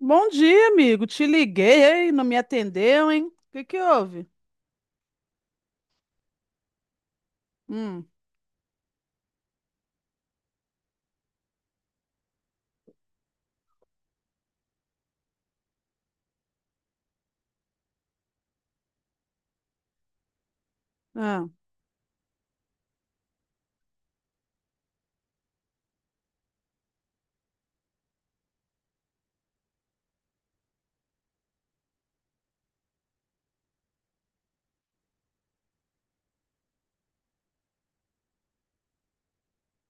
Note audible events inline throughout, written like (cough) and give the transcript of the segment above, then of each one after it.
Bom dia, amigo. Te liguei, hein? Não me atendeu, hein? O que que houve? Hum, ah,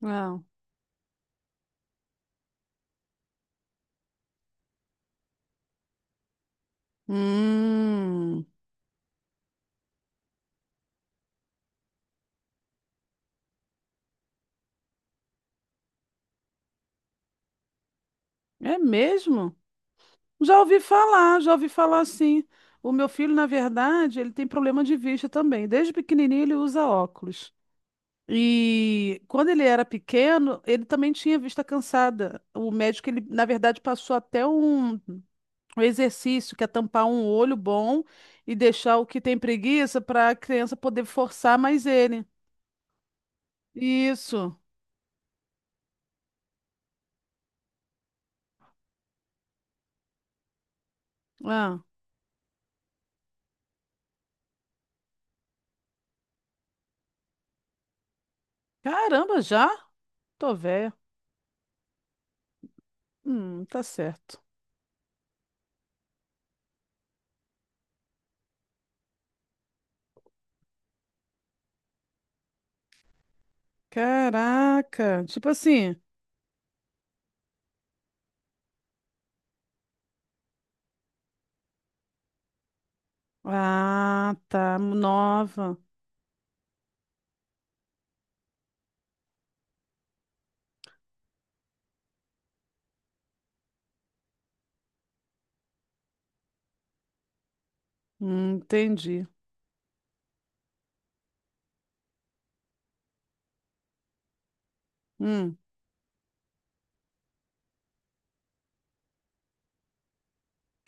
ah. Hum, é mesmo? Já ouvi falar assim. O meu filho, na verdade, ele tem problema de vista também. Desde pequenininho ele usa óculos. E quando ele era pequeno, ele também tinha vista cansada. O médico, ele, na verdade, passou até um. O exercício que é tampar um olho bom e deixar o que tem preguiça para a criança poder forçar mais ele. Isso. Ah, caramba, já? Tô velha. Tá certo. Caraca, tipo assim. Ah, tá, nova. Entendi. Hum.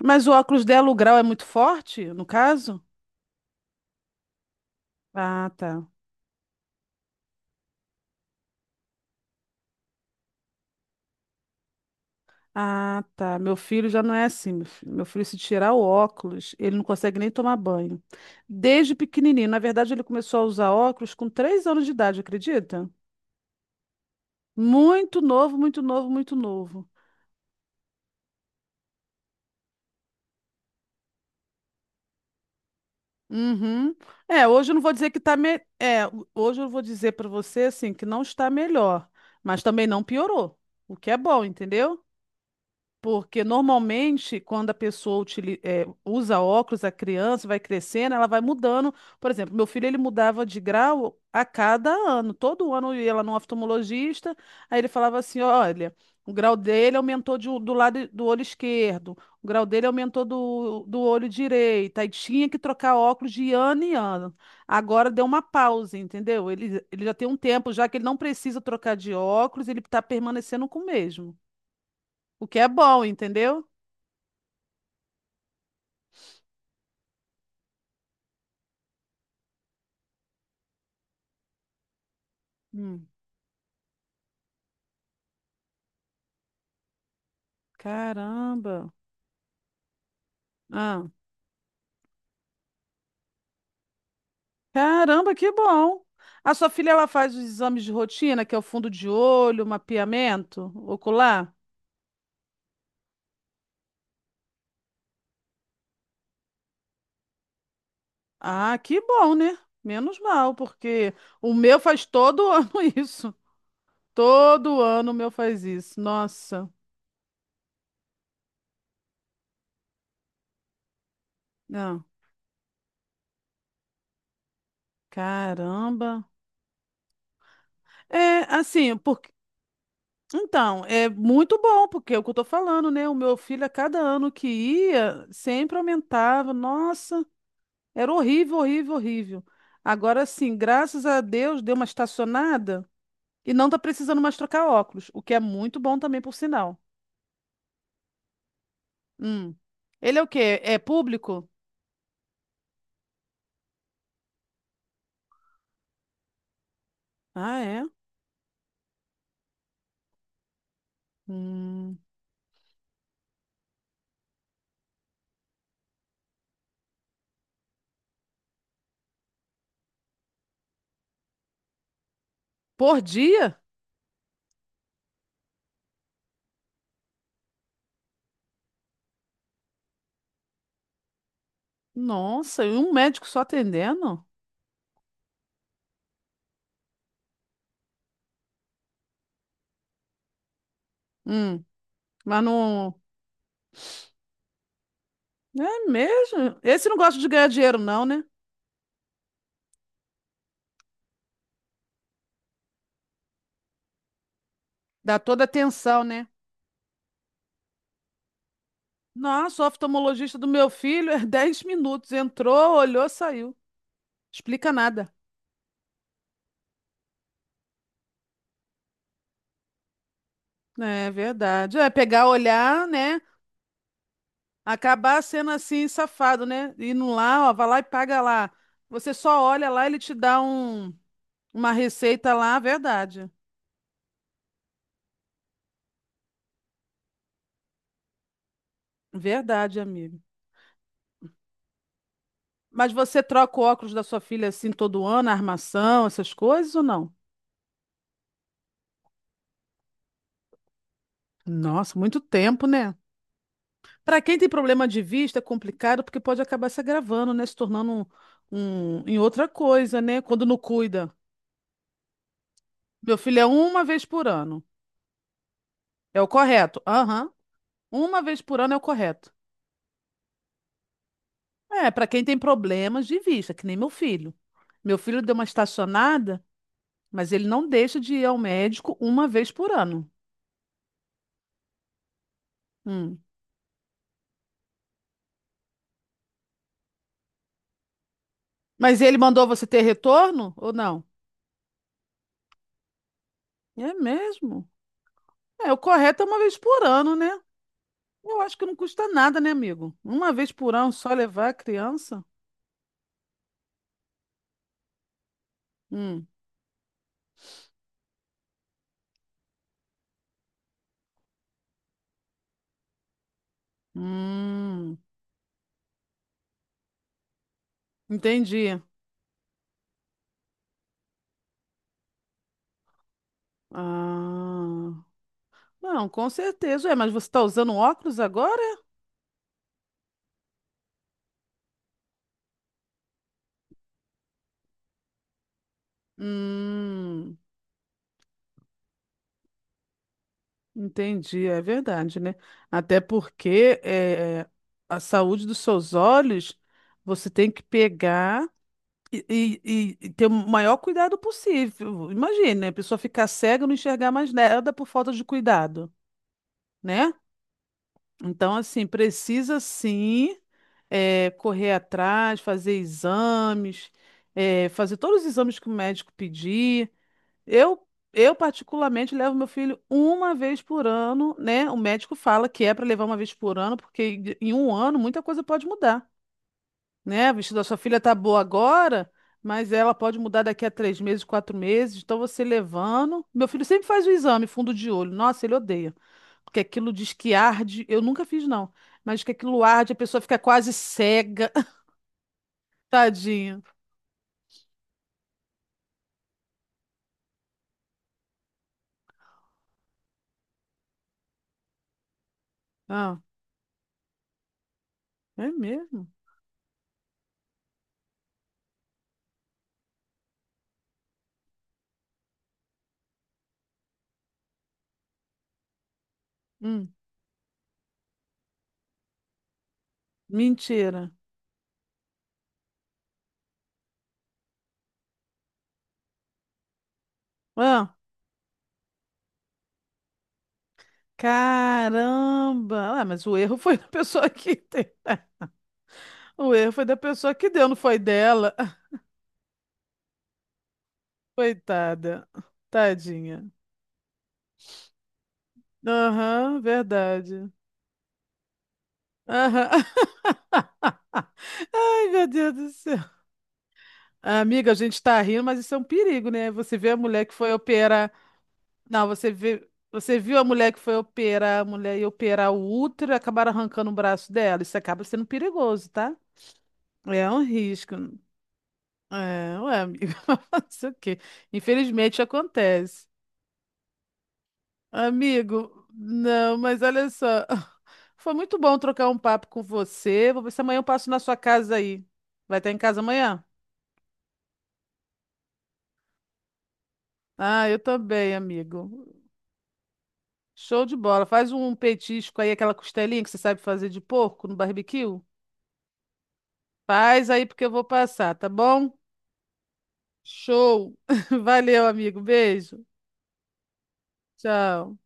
Mas o óculos dela, o grau é muito forte, no caso? Ah, tá. Ah, tá. Meu filho já não é assim, meu filho. Meu filho, se tirar o óculos, ele não consegue nem tomar banho. Desde pequenininho. Na verdade, ele começou a usar óculos com três anos de idade, acredita? Muito novo, muito novo, muito novo. Uhum. É, hoje eu não vou dizer que tá me... é, hoje eu vou dizer para você assim que não está melhor, mas também não piorou, o que é bom, entendeu? Porque normalmente, quando a pessoa usa óculos, a criança vai crescendo, ela vai mudando. Por exemplo, meu filho ele mudava de grau a cada ano. Todo ano eu ia lá no oftalmologista, aí ele falava assim: olha, o grau dele aumentou do lado do olho esquerdo, o grau dele aumentou do, do olho direito. Aí tinha que trocar óculos de ano em ano. Agora deu uma pausa, entendeu? Ele já tem um tempo, já que ele não precisa trocar de óculos, ele está permanecendo com o mesmo. O que é bom, entendeu? Hum, caramba. Ah, caramba, que bom. A sua filha ela faz os exames de rotina, que é o fundo de olho, mapeamento ocular? Ah, que bom, né? Menos mal, porque o meu faz todo (laughs) ano isso. Todo ano o meu faz isso. Nossa. Ah, caramba. É, assim, porque então, é muito bom, porque é o que eu tô falando, né? O meu filho, a cada ano que ia, sempre aumentava. Nossa. Era horrível, horrível, horrível. Agora sim, graças a Deus, deu uma estacionada e não tá precisando mais trocar óculos, o que é muito bom também, por sinal. Hum. Ele é o quê? É público? Ah, é? Hum. Por dia? Nossa, e um médico só atendendo? Hum. Mas não. É mesmo? Esse não gosta de ganhar dinheiro, não, né? Dá toda atenção, né? Nossa, o oftalmologista do meu filho é (laughs) 10 minutos. Entrou, olhou, saiu. Explica nada. É verdade. É pegar, olhar, né? Acabar sendo assim, safado, né? Indo lá, ó, vai lá e paga lá. Você só olha lá, ele te dá um, uma receita lá, verdade. Verdade, amigo. Mas você troca o óculos da sua filha assim todo ano, a armação, essas coisas ou não? Nossa, muito tempo, né? Para quem tem problema de vista, é complicado porque pode acabar se agravando, né? Se tornando um, em outra coisa, né? Quando não cuida. Meu filho é uma vez por ano. É o correto. Aham. Uma vez por ano é o correto. É, para quem tem problemas de vista, que nem meu filho. Meu filho deu uma estacionada, mas ele não deixa de ir ao médico uma vez por ano. Hum. Mas ele mandou você ter retorno ou não? É mesmo? É, o correto é uma vez por ano, né? Eu acho que não custa nada, né, amigo? Uma vez por ano só levar a criança? Hum. Hum. Entendi. Ah. Não, com certeza. É, mas você está usando óculos agora? Hum. Entendi, é verdade, né? Até porque a saúde dos seus olhos você tem que pegar e ter o maior cuidado possível. Imagine, né? A pessoa ficar cega e não enxergar mais nada por falta de cuidado, né? Então, assim, precisa sim correr atrás, fazer exames, fazer todos os exames que o médico pedir. Eu, eu particularmente levo meu filho uma vez por ano, né? O médico fala que é para levar uma vez por ano, porque em um ano muita coisa pode mudar, né? O vestido da sua filha tá boa agora, mas ela pode mudar daqui a três meses, quatro meses. Então você levando. Meu filho sempre faz o exame fundo de olho. Nossa, ele odeia. Porque aquilo diz que arde. Eu nunca fiz, não. Mas que aquilo arde, a pessoa fica quase cega. (laughs) Tadinho. Ah, é mesmo? Hum, mentira. Ah. Caramba! Ah, mas o erro foi da pessoa que tem. (laughs) O erro foi da pessoa que deu, não foi dela. (laughs) Coitada. Tadinha. Aham, verdade. Aham. (laughs) Ai, meu Deus do céu. Amiga, a gente tá rindo, mas isso é um perigo, né? Você vê a mulher que foi operar. Não, você vê... você viu a mulher que foi operar, a mulher ia operar o útero e acabaram arrancando o braço dela. Isso acaba sendo perigoso, tá? É um risco. É, ué, amigo, (laughs) fazer o quê? Infelizmente acontece. Amigo, não, mas olha só. (laughs) Foi muito bom trocar um papo com você. Vou ver se amanhã eu passo na sua casa aí. Vai estar em casa amanhã? Ah, eu também, amigo. Show de bola. Faz um petisco aí, aquela costelinha que você sabe fazer de porco no barbecue. Faz aí porque eu vou passar, tá bom? Show. (laughs) Valeu, amigo. Beijo. Tchau.